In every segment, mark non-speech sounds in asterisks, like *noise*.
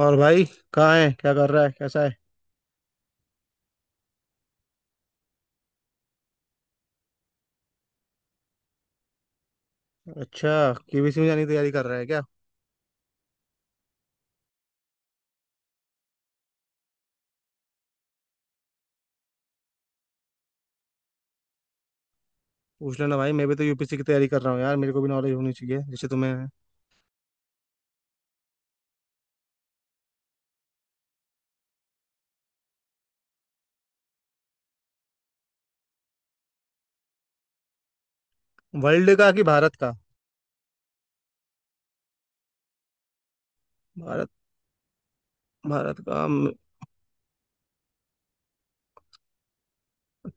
और भाई, कहाँ है, क्या कर रहा है, कैसा है? अच्छा, केबीसी में जाने की तैयारी कर रहा है क्या? पूछ लेना भाई। मैं भी तो यूपीसी की तैयारी कर रहा हूँ यार, मेरे को भी नॉलेज होनी चाहिए जैसे तुम्हें है। वर्ल्ड का कि भारत का? भारत भारत का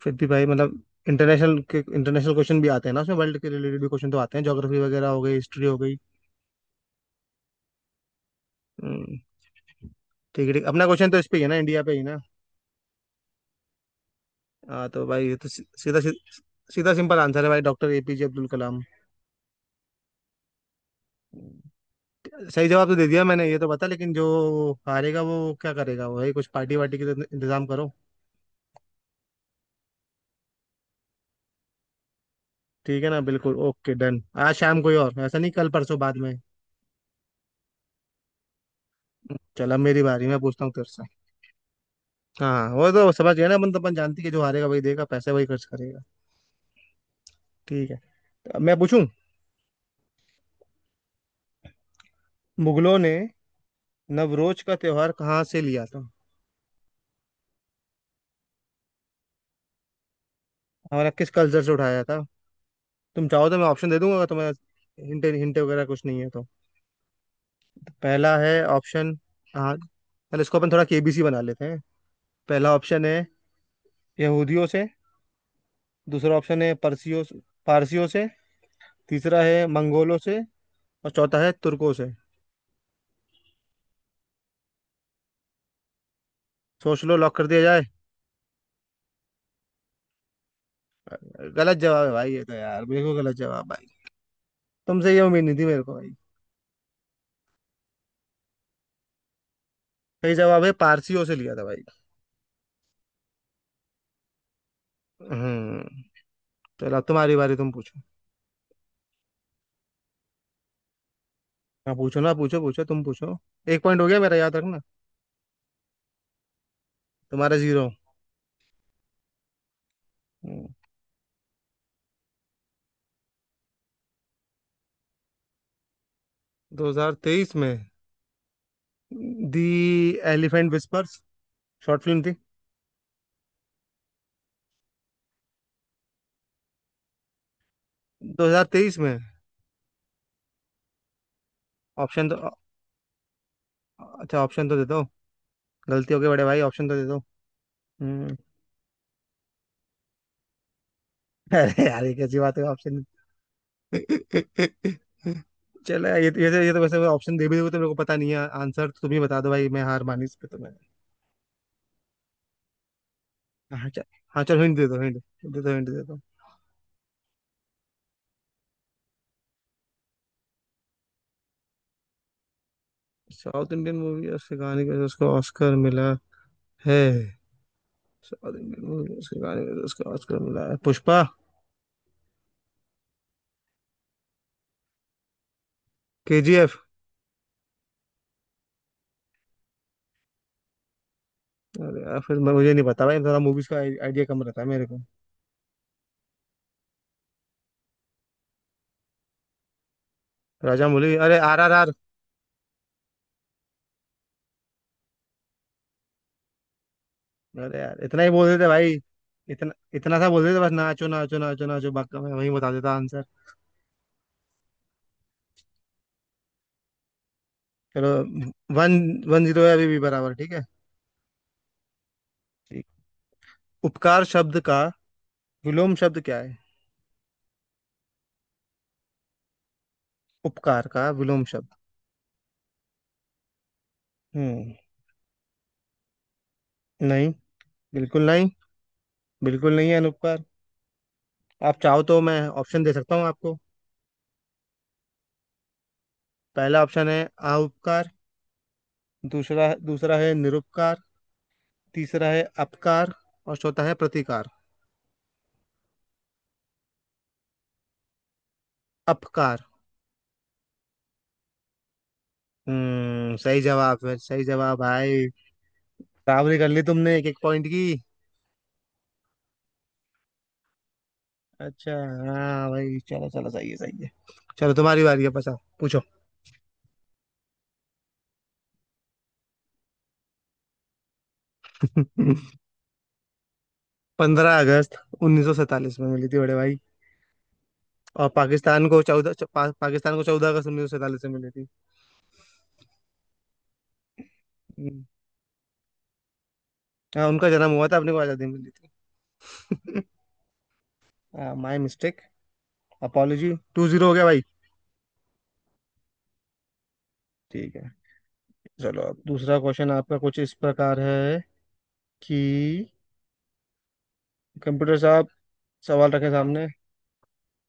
फिर भी भाई, मतलब इंटरनेशनल क्वेश्चन भी आते हैं ना, उसमें वर्ल्ड के रिलेटेड भी क्वेश्चन तो आते हैं। ज्योग्राफी वगैरह हो गई, हिस्ट्री हो गई। हम्म। ठीक है ठीक, अपना क्वेश्चन तो इस पे ही है ना, इंडिया पे ही ना। हाँ तो भाई, ये तो सीधा सिंपल आंसर है भाई, डॉक्टर एपीजे अब्दुल कलाम। सही जवाब तो दे दिया मैंने, ये तो बता, लेकिन जो हारेगा वो क्या करेगा, वही कुछ पार्टी वार्टी की इंतजाम करो। ठीक है ना, बिल्कुल ओके डन। आज शाम, कोई और ऐसा नहीं, कल परसों बाद में। चल अब मेरी बारी, मैं पूछता हूँ तेरे से। हाँ वो तो समझ गया ना अपन, तो अपन जानती है कि जो हारेगा वही देगा, पैसे वही खर्च करेगा। ठीक है, तो अब मैं पूछूं। मुगलों ने नवरोज का त्योहार कहाँ से लिया था, हमारा किस कल्चर से उठाया था? तुम चाहो तो मैं ऑप्शन दे दूंगा, अगर तुम्हें हिंटे हिंटे वगैरह कुछ नहीं है तो। पहला है ऑप्शन, हाँ। चल इसको अपन थोड़ा केबीसी बना लेते हैं। पहला ऑप्शन है यहूदियों से। दूसरा ऑप्शन है परसियों पारसियों से। तीसरा है मंगोलों से। और चौथा है तुर्कों से। सोच लो, लॉक कर दिया जाए। गलत जवाब है भाई, ये तो यार, मेरे को गलत जवाब भाई, तुमसे ये उम्मीद नहीं थी मेरे को भाई। सही जवाब है, पारसियों से लिया था भाई। हम्म। चलो, अब तुम्हारी बारी, तुम पूछो। हाँ पूछो ना, पूछो पूछो, तुम पूछो। एक पॉइंट हो गया मेरा, याद रखना। तुम्हारा जीरो। 2023 में the elephant whispers short film थी। 2023 में? ऑप्शन तो, अच्छा ऑप्शन तो दे दो। गलती हो गई बड़े भाई, ऑप्शन तो दे दो। हम्म। *laughs* अरे यार, ये कैसी बात है, ऑप्शन? चलो यार, *laughs* ये तो वैसे ऑप्शन दे भी दोगे तो मेरे को पता नहीं है आंसर, तो तुम ही बता दो भाई, मैं हार मानी इस पे, तो मैं। हाँ चल, हाँ चलो, हिंट दे दो, हिंट दे दो, हिंट दे दो। साउथ इंडियन मूवी और उसके गाने के वजह से उसको ऑस्कर मिला है? साउथ इंडियन मूवी और उसके गाने के वजह से उसको ऑस्कर मिला है, पुष्पा। केजीएफ? अरे यार, फिर मैं मुझे नहीं पता भाई, थोड़ा मूवीज का आइडिया कम रहता है मेरे को। राजा मौली, अरे, RRR। अरे यार, इतना ही बोल देते भाई, इतना इतना सा बोल देते, बस नाचो नाचो नाचो नाचो, बाकी मैं वही बता देता आंसर। चलो, वन वन जीरो है, अभी भी बराबर, ठीक है, ठीक। उपकार शब्द का विलोम शब्द क्या है? उपकार का विलोम शब्द? हम्म, नहीं। बिल्कुल नहीं, बिल्कुल नहीं है अनुपकार। आप चाहो तो मैं ऑप्शन दे सकता हूँ आपको। पहला ऑप्शन है आउपकार। दूसरा दूसरा है निरुपकार। तीसरा है अपकार। और चौथा है प्रतिकार। अपकार? हम्म, सही जवाब है, सही जवाब भाई। बराबरी कर ली तुमने, एक एक पॉइंट की। अच्छा, हाँ भाई, चलो चलो, सही है, सही है। चलो, तुम्हारी बारी है, पचा पूछो। *laughs* 15 अगस्त 1947 में मिली थी बड़े भाई। और पाकिस्तान को 14 अगस्त 1947 में मिली थी। हम्म, हाँ, उनका जन्म हुआ था, अपने को आजादी मिली थी। *laughs* माई मिस्टेक, अपॉलोजी। 2-0 हो गया भाई। ठीक है। चलो, अब दूसरा क्वेश्चन आपका कुछ इस प्रकार है कि, कंप्यूटर साहब सवाल रखे सामने,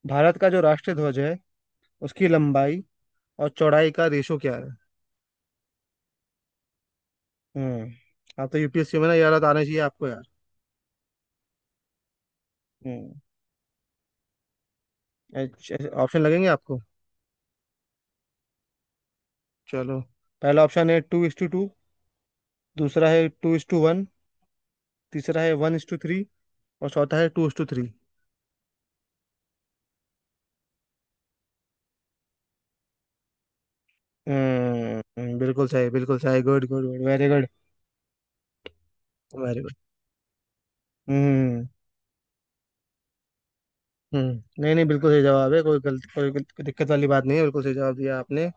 भारत का जो राष्ट्रीय ध्वज है उसकी लंबाई और चौड़ाई का रेशो क्या है? हम्म, आप तो यूपीएससी में ना यार, आना चाहिए आपको यार। हम्म, अच्छा, ऑप्शन लगेंगे आपको? चलो। पहला ऑप्शन है 2:2। दूसरा है 2:1। तीसरा है 1:3। और चौथा है 2:3। हम्म, बिल्कुल सही, बिल्कुल सही, good good good, very good, very good. हम्म। हम्म, नहीं नहीं, बिल्कुल सही जवाब है, कोई गलत, दिक्कत वाली बात नहीं है, बिल्कुल सही जवाब दिया आपने।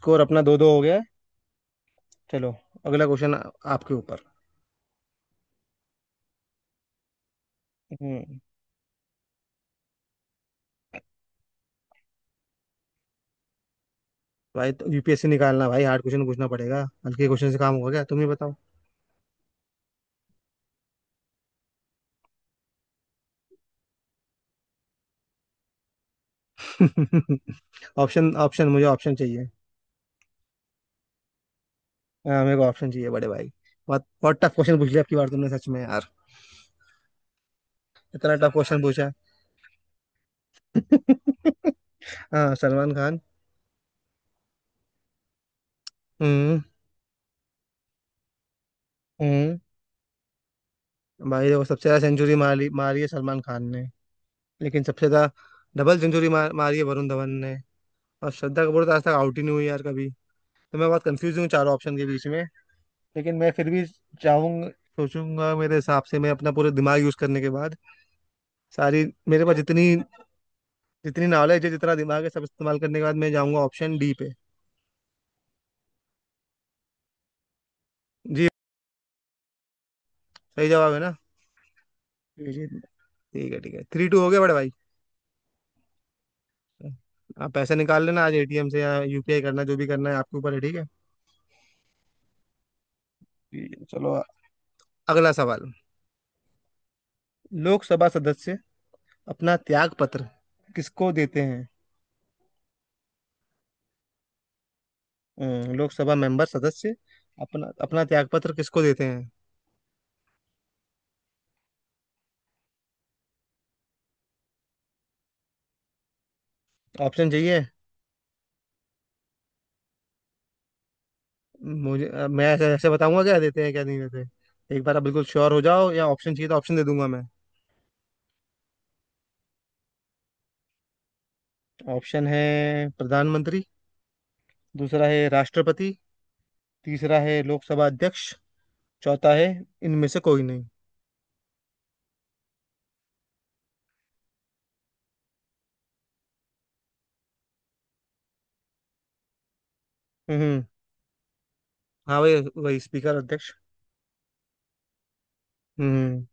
स्कोर अपना 2-2 हो गया है। चलो, अगला क्वेश्चन आपके ऊपर। हम्म। भाई, तो यूपीएससी निकालना भाई, हार्ड क्वेश्चन पूछना पड़ेगा। हल्के क्वेश्चन से काम होगा क्या, तुम ही बताओ। *laughs* ऑप्शन ऑप्शन, मुझे ऑप्शन चाहिए। हाँ, मेरे को ऑप्शन चाहिए बड़े भाई। बहुत बहुत टफ क्वेश्चन पूछ लिया आपकी बार, तुमने सच में यार, इतना टफ क्वेश्चन पूछा। *laughs* हाँ, सलमान खान। हम्म। हम्म। भाई देखो, सबसे ज्यादा सेंचुरी मारी मारी है सलमान खान ने। लेकिन सबसे ज्यादा डबल सेंचुरी मारी है वरुण धवन ने। और श्रद्धा कपूर तो आज तक आउट ही नहीं हुई यार कभी। तो मैं बहुत कंफ्यूज हूँ चारों ऑप्शन के बीच में। लेकिन मैं फिर भी चाहूंगा, सोचूंगा मेरे हिसाब से, मैं अपना पूरा दिमाग यूज करने के बाद, सारी, मेरे पास जितनी जितनी नॉलेज है, जितना दिमाग है, सब इस्तेमाल करने के बाद मैं जाऊंगा ऑप्शन डी पे। जी। सही जवाब है ना? जी जी। ठीक है ठीक है, 3-2 हो गया बड़े भाई। आप पैसे निकाल लेना आज एटीएम से या यूपीआई करना, जो भी करना है आपके ऊपर है, ठीक है। ठीक है, चलो, अगला सवाल। लोकसभा सदस्य अपना त्याग पत्र किसको देते हैं? लोकसभा मेंबर सदस्य अपना अपना त्याग पत्र किसको देते हैं? ऑप्शन चाहिए? मैं ऐसे ऐसे बताऊंगा क्या देते हैं क्या नहीं देते, एक बार आप बिल्कुल श्योर हो जाओ, या ऑप्शन चाहिए तो ऑप्शन दे दूंगा मैं। ऑप्शन है प्रधानमंत्री। दूसरा है राष्ट्रपति। तीसरा है लोकसभा अध्यक्ष। चौथा है इनमें से कोई नहीं। हम्म, हाँ, वही वही, स्पीकर, अध्यक्ष। हम्म,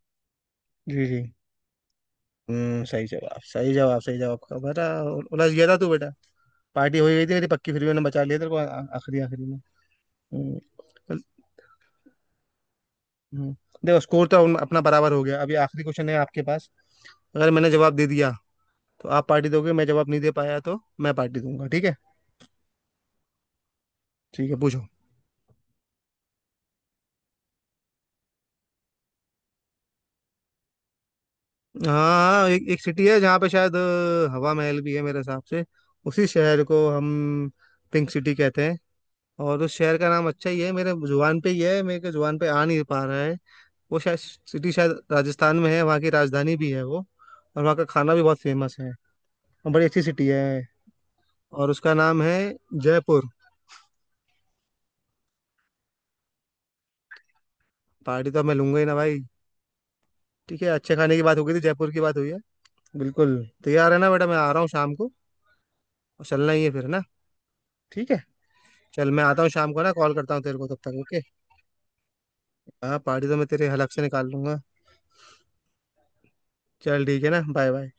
जी जी। हम्म, सही जवाब, सही जवाब, सही जवाब आपका बेटा। उलझ गया था तू बेटा। पार्टी हो ही गई थी मेरी पक्की, फिर भी मैंने बचा लिया तेरे को आखिरी आखिरी में। हम्म। हम्म। देखो, स्कोर तो अपना बराबर हो गया, अभी आखिरी क्वेश्चन है आपके पास। अगर मैंने जवाब दे दिया तो आप पार्टी दोगे, मैं जवाब नहीं दे पाया तो मैं पार्टी दूंगा, ठीक है। ठीक है, पूछो। हाँ हाँ, एक सिटी है जहाँ पे शायद हवा महल भी है मेरे हिसाब से, उसी शहर को हम पिंक सिटी कहते हैं। और उस शहर का नाम अच्छा ही है, मेरे जुबान पे ही है, मेरे को जुबान पे आ नहीं पा रहा है। वो शायद सिटी शायद राजस्थान में है, वहाँ की राजधानी भी है वो। और वहाँ का खाना भी बहुत फेमस है, और बड़ी अच्छी सिटी है। और उसका नाम है जयपुर। पार्टी तो अब मैं लूंगा ही ना भाई। ठीक है, अच्छे खाने की बात हो गई थी, जयपुर की बात हुई है। बिल्कुल। तैयार है ना बेटा, मैं आ रहा हूँ शाम को। और चलना ही है फिर ना। ठीक है। चल मैं आता हूँ शाम को ना, कॉल करता हूँ तेरे को तब तक, ओके। हाँ, पार्टी तो मैं तेरे हलक से निकाल लूंगा। चल ठीक है ना, बाय बाय।